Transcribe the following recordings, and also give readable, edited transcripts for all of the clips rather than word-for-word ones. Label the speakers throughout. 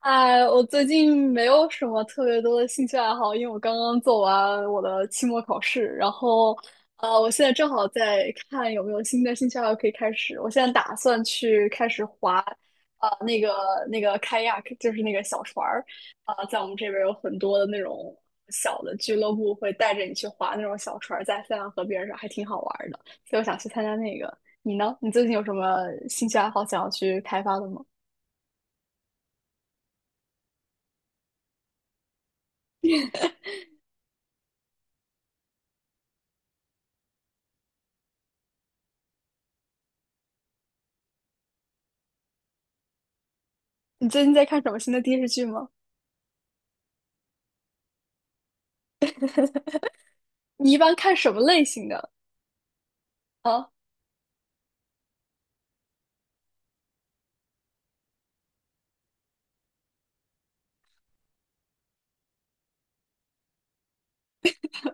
Speaker 1: 哎，我最近没有什么特别多的兴趣爱好，因为我刚刚做完我的期末考试，然后，我现在正好在看有没有新的兴趣爱好可以开始。我现在打算去开始划，呃，那个那个开亚 y 就是那个小船儿，啊、在我们这边有很多的那种小的俱乐部会带着你去划那种小船儿，在塞纳河边上，还挺好玩儿的，所以我想去参加那个。你呢？你最近有什么兴趣爱好想要去开发的吗？你最近在看什么新的电视剧吗？你一般看什么类型的？啊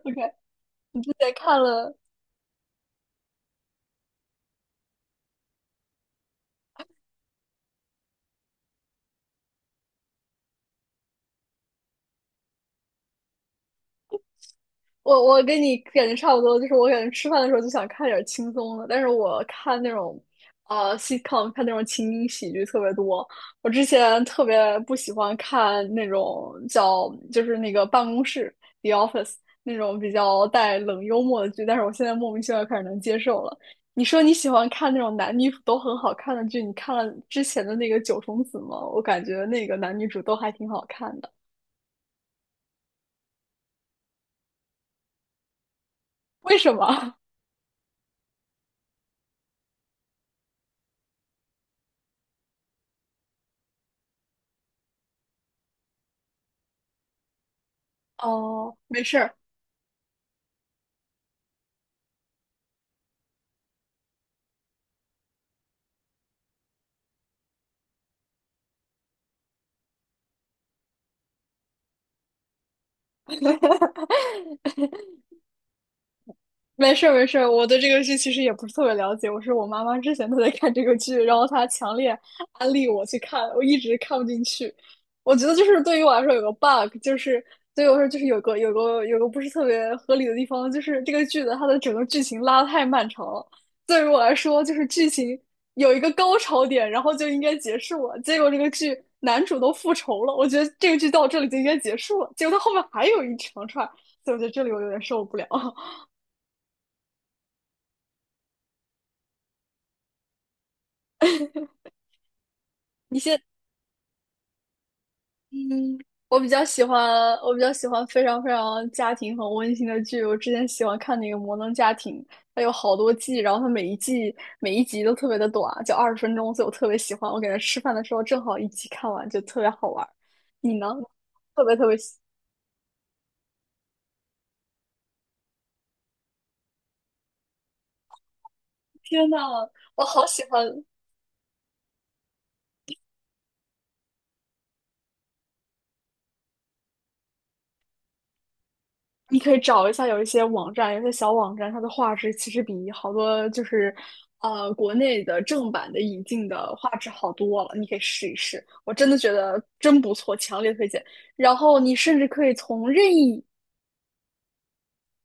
Speaker 1: ，OK，你之前看了，我跟你感觉差不多，就是我感觉吃饭的时候就想看点轻松的，但是我看那种sitcom，看那种情景喜剧特别多。我之前特别不喜欢看那种叫就是那个办公室 The Office 那种比较带冷幽默的剧，但是我现在莫名其妙开始能接受了。你说你喜欢看那种男女主都很好看的剧，你看了之前的那个九重紫吗？我感觉那个男女主都还挺好看的，为什么？哦，没事儿。没事儿没事儿，我对这个剧其实也不是特别了解。我是我妈妈之前她在看这个剧，然后她强烈安利我去看，我一直看不进去。我觉得就是对于我来说有个 bug，就是对于我来说就是有个不是特别合理的地方，就是这个剧的它的整个剧情拉得太漫长了。对于我来说，就是剧情有一个高潮点，然后就应该结束了。结果这个剧男主都复仇了，我觉得这个剧到这里就应该结束了。结果它后面还有一长串，所以我觉得这里我有点受不了。你先。嗯，我比较喜欢，我比较喜欢非常非常家庭很温馨的剧。我之前喜欢看那个《摩登家庭》，它有好多季，然后它每一季每一集都特别的短，就20分钟，所以我特别喜欢。我感觉吃饭的时候正好一集看完，就特别好玩儿。你呢？特别特别喜，天呐，我好喜欢，你可以找一下，有一些网站，有一些小网站，它的画质其实比好多就是，国内的正版的引进的画质好多了。你可以试一试，我真的觉得真不错，强烈推荐。然后你甚至可以从任意，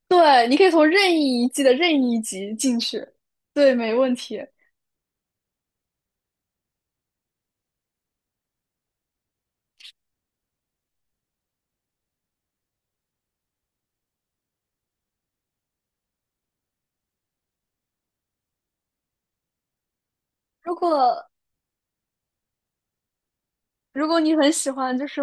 Speaker 1: 对，你可以从任意一季的任意一集进去，对，没问题。如果如果你很喜欢就是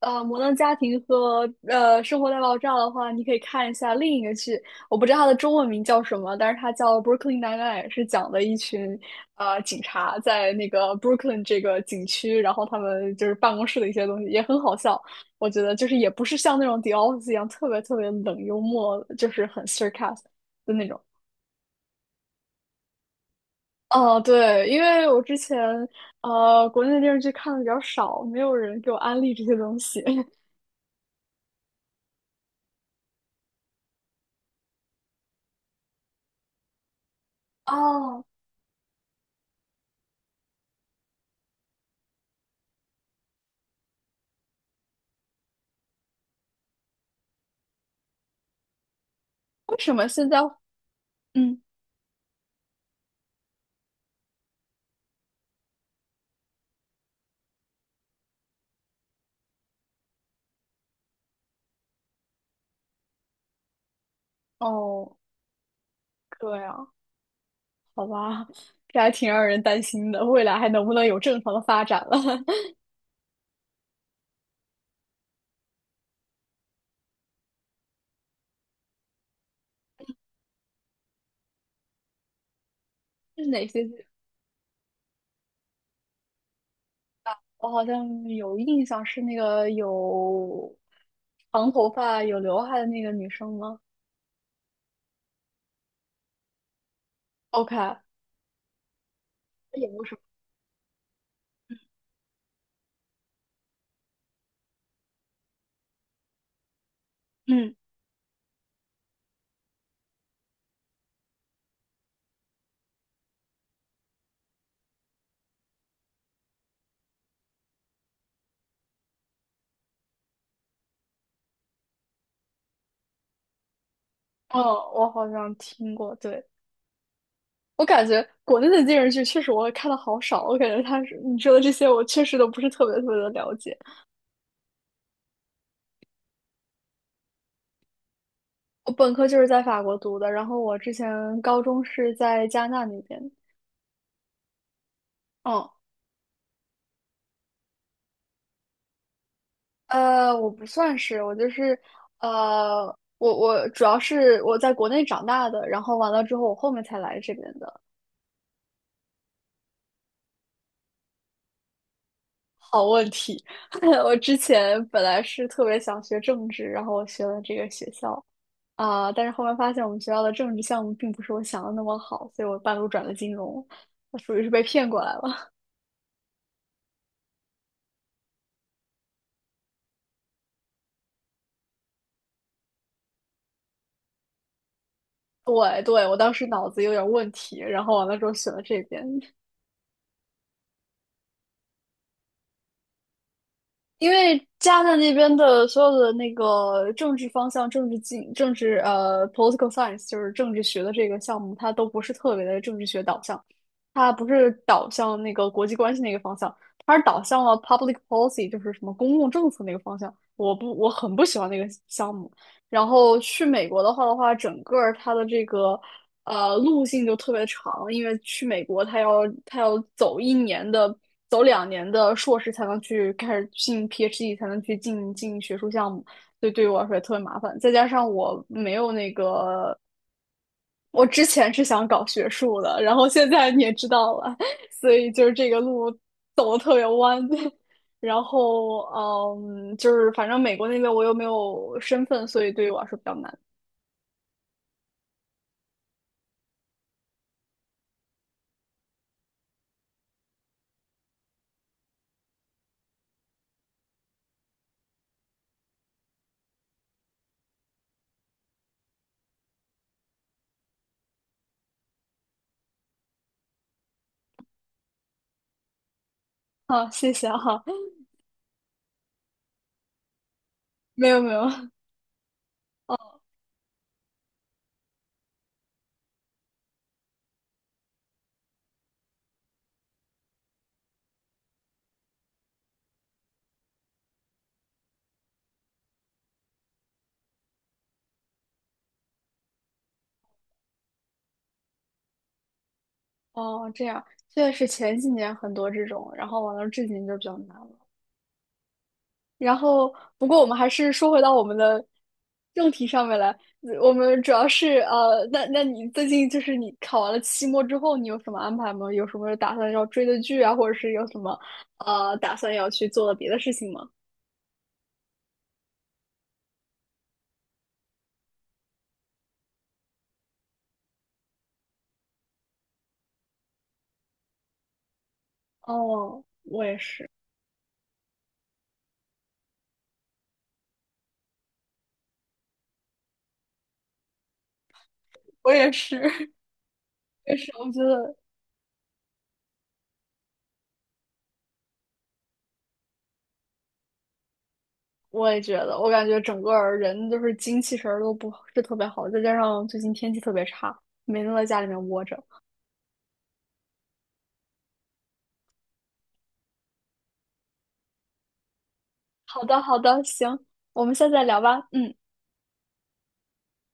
Speaker 1: 《摩登家庭》和《生活大爆炸》的话，你可以看一下另一个剧，我不知道它的中文名叫什么，但是它叫《Brooklyn Nine-Nine》，是讲的一群警察在那个 Brooklyn 这个景区，然后他们就是办公室的一些东西，也很好笑。我觉得就是也不是像那种《The Office》一样特别特别冷幽默，就是很 s a r c a s 的那种。哦，对，因为我之前国内的电视剧看的比较少，没有人给我安利这些东西。哦，为什么现在？嗯，哦，对样，好吧，这还挺让人担心的，未来还能不能有正常的发展了？是哪些剧？我好像有印象，是那个有长头发、有刘海的那个女生吗？OK，她演过什么？嗯，哦，我好像听过。对，我感觉国内的电视剧确实我看的好少，我感觉他是你说的这些，我确实都不是特别特别的了解。我本科就是在法国读的，然后我之前高中是在加拿大那边。嗯，我不算是，我就是呃，我主要是我在国内长大的，然后完了之后我后面才来这边的。好问题，我之前本来是特别想学政治，然后我学了这个学校啊，但是后面发现我们学校的政治项目并不是我想的那么好，所以我半路转了金融，我属于是被骗过来了。对对，我当时脑子有点问题，然后完了之后选了这边。因为加拿大那边的所有的那个政治方向、政治经、政治political science，就是政治学的这个项目，它都不是特别的政治学导向，它不是导向那个国际关系那个方向，它是导向了 public policy，就是什么公共政策那个方向。我不，我很不喜欢那个项目，然后去美国的话，整个儿它的这个路径就特别长，因为去美国它要走1年的，走2年的硕士才能去开始进 PhD，才能去进学术项目，所以对于我来说也特别麻烦。再加上我没有那个，我之前是想搞学术的，然后现在你也知道了，所以就是这个路走的特别弯。然后，嗯，就是反正美国那边我又没有身份，所以对于我来说比较难。好，谢谢哈，没有没有，哦哦，这样，确是前几年很多这种，然后完了至今就比较难了。然后不过我们还是说回到我们的正题上面来，我们主要是那你最近就是你考完了期末之后，你有什么安排吗？有什么打算要追的剧啊，或者是有什么打算要去做的别的事情吗？哦，我也是，我也是，也是，我觉得。我也觉得，我感觉整个儿人就是精气神儿都不是特别好，再加上最近天气特别差，每天都在家里面窝着。好的，好的，行，我们下次再聊吧。嗯。